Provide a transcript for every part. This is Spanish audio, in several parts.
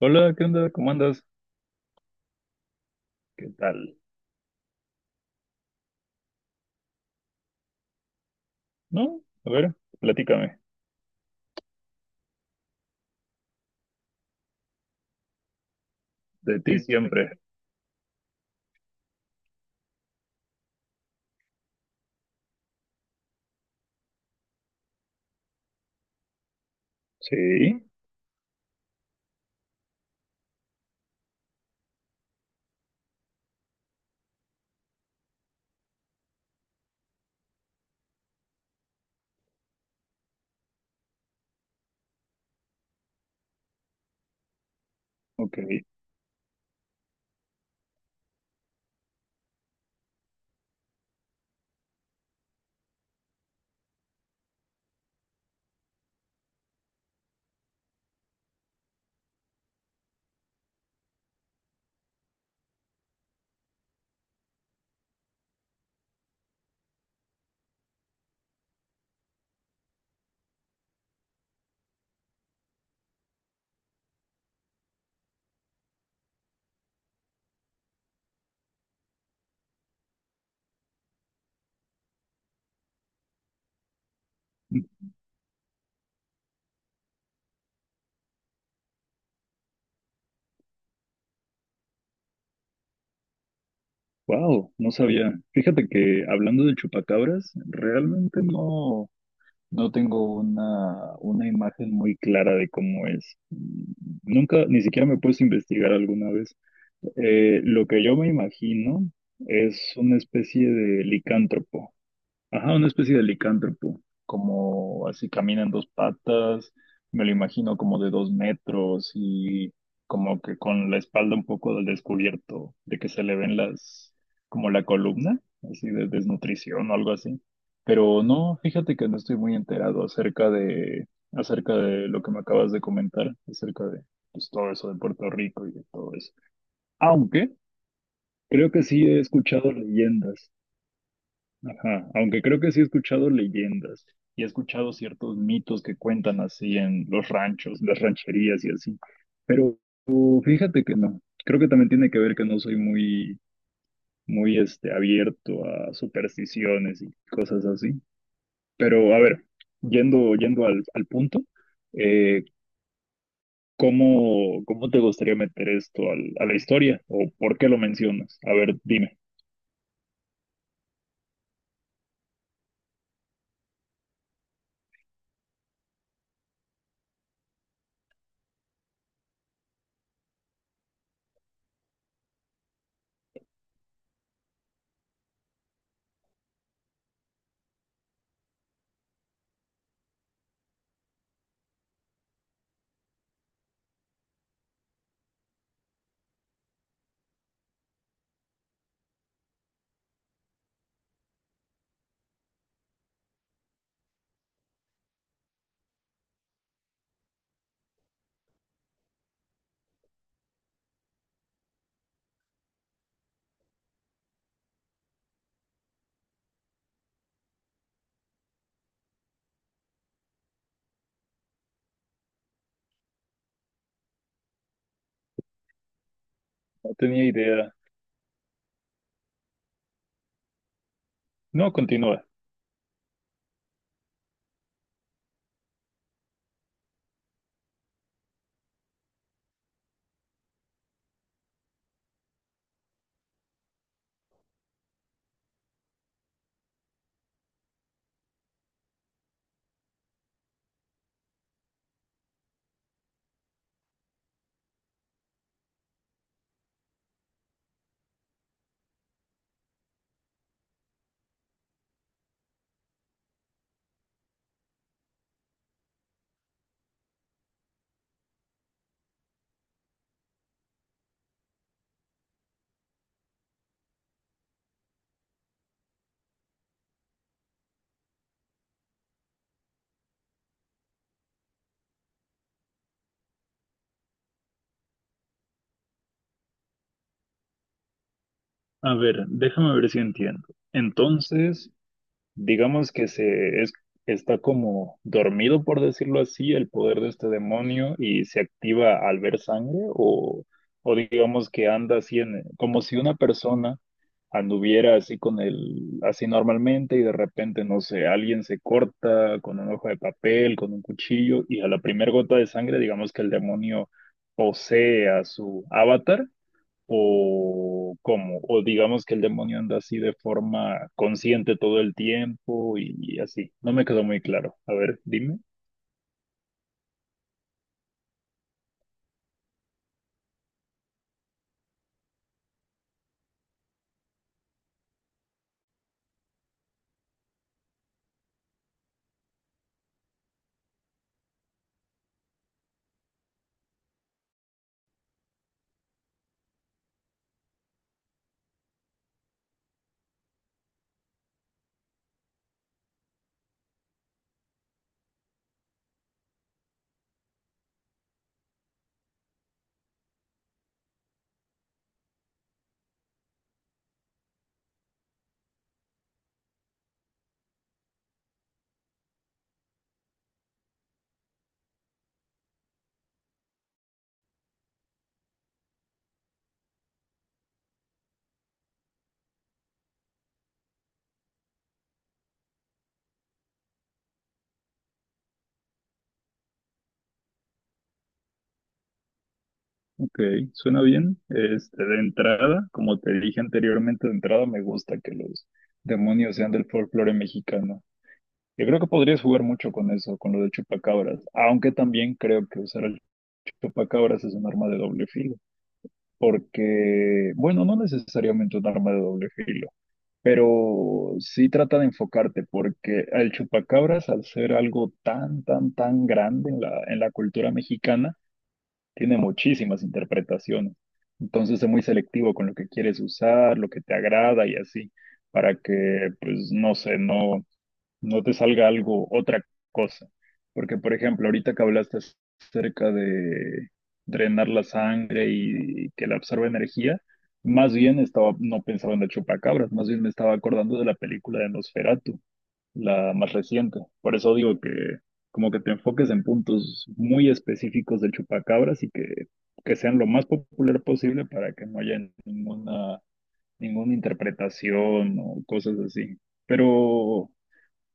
Hola, ¿qué onda? ¿Cómo andas? ¿Qué tal? ¿No? A ver, platícame. De ti siempre. Sí, ok. Wow, no sabía. Fíjate que hablando de chupacabras, realmente no, no tengo una imagen muy clara de cómo es. Nunca, ni siquiera me he puesto a investigar alguna vez. Lo que yo me imagino es una especie de licántropo. Ajá, una especie de licántropo, como así camina en dos patas, me lo imagino como de dos metros y como que con la espalda un poco del descubierto, de que se le ven las, como la columna, así de desnutrición o algo así. Pero no, fíjate que no estoy muy enterado acerca de lo que me acabas de comentar, acerca de pues, todo eso de Puerto Rico y de todo eso. Aunque creo que sí he escuchado leyendas. Ajá, aunque creo que sí he escuchado leyendas y he escuchado ciertos mitos que cuentan así en los ranchos, las rancherías y así. Pero fíjate que no. Creo que también tiene que ver que no soy muy, muy este, abierto a supersticiones y cosas así. Pero a ver, yendo al punto, eh, cómo te gustaría meter esto a la historia? ¿O por qué lo mencionas? A ver, dime. No tenía idea. No, continúa. A ver, déjame ver si entiendo. Entonces, digamos que está como dormido, por decirlo así, el poder de este demonio y se activa al ver sangre, o digamos que anda así en, como si una persona anduviera así con el, así normalmente y de repente, no sé, alguien se corta con un hoja de papel, con un cuchillo, y a la primera gota de sangre, digamos que el demonio posee a su avatar o cómo, o digamos que el demonio anda así de forma consciente todo el tiempo y así. No me quedó muy claro. A ver, dime. Ok, suena bien. Este, de entrada, como te dije anteriormente, de entrada me gusta que los demonios sean del folclore mexicano. Yo creo que podrías jugar mucho con eso, con lo de chupacabras, aunque también creo que usar el chupacabras es un arma de doble filo, porque, bueno, no necesariamente un arma de doble filo. Pero sí trata de enfocarte, porque el chupacabras, al ser algo tan, tan, tan grande en en la cultura mexicana, tiene muchísimas interpretaciones. Entonces es muy selectivo con lo que quieres usar, lo que te agrada y así, para que, pues, no sé, no, no te salga algo, otra cosa. Porque, por ejemplo, ahorita que hablaste acerca de drenar la sangre y que la absorbe energía, más bien estaba, no pensaba en la chupacabras, más bien me estaba acordando de la película de Nosferatu, la más reciente. Por eso digo que como que te enfoques en puntos muy específicos del chupacabras y que sean lo más popular posible para que no haya ninguna, ninguna interpretación o cosas así. Pero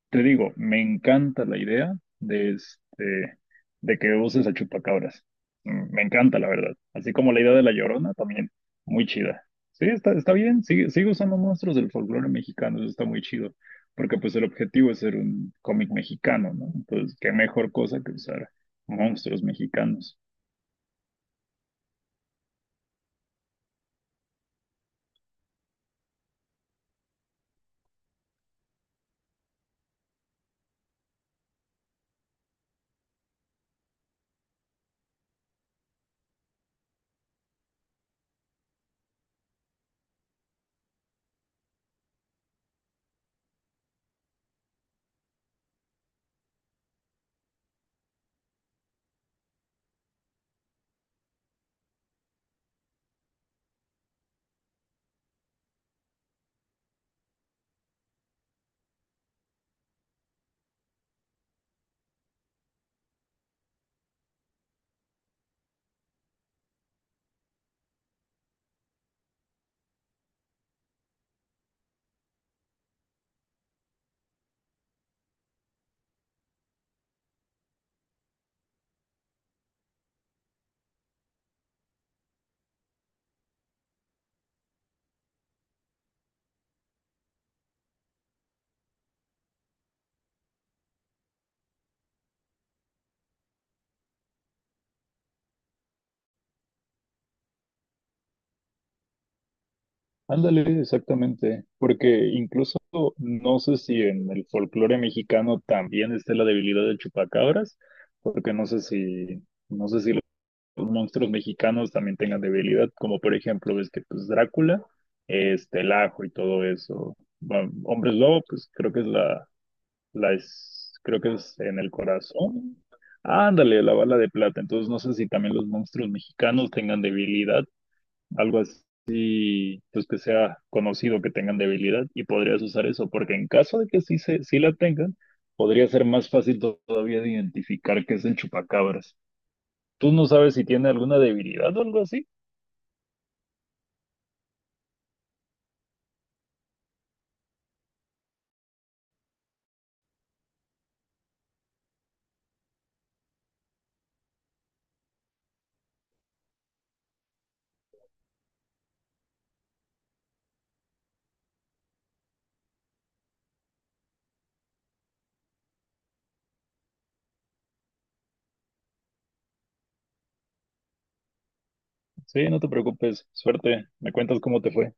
te digo, me encanta la idea de, este, de que uses a chupacabras. Mm, me encanta, la verdad. Así como la idea de la Llorona, también muy chida. Sí, está, está bien, sigue, sigue usando monstruos del folclore mexicano, eso está muy chido. Porque pues el objetivo es ser un cómic mexicano, ¿no? Entonces, qué mejor cosa que usar monstruos mexicanos. Ándale, exactamente, porque incluso no sé si en el folclore mexicano también está la debilidad del chupacabras, porque no sé si, no sé si los monstruos mexicanos también tengan debilidad, como por ejemplo ves que pues Drácula, este, el Ajo y todo eso, bueno, Hombres Lobo, pues creo que es la, la es, creo que es en el corazón, ándale, la bala de plata, entonces no sé si también los monstruos mexicanos tengan debilidad algo así, pues que sea conocido que tengan debilidad y podrías usar eso, porque en caso de que sí, se, sí la tengan, podría ser más fácil todavía de identificar que es el chupacabras. ¿Tú no sabes si tiene alguna debilidad o algo así? Sí, no te preocupes, suerte, me cuentas cómo te fue.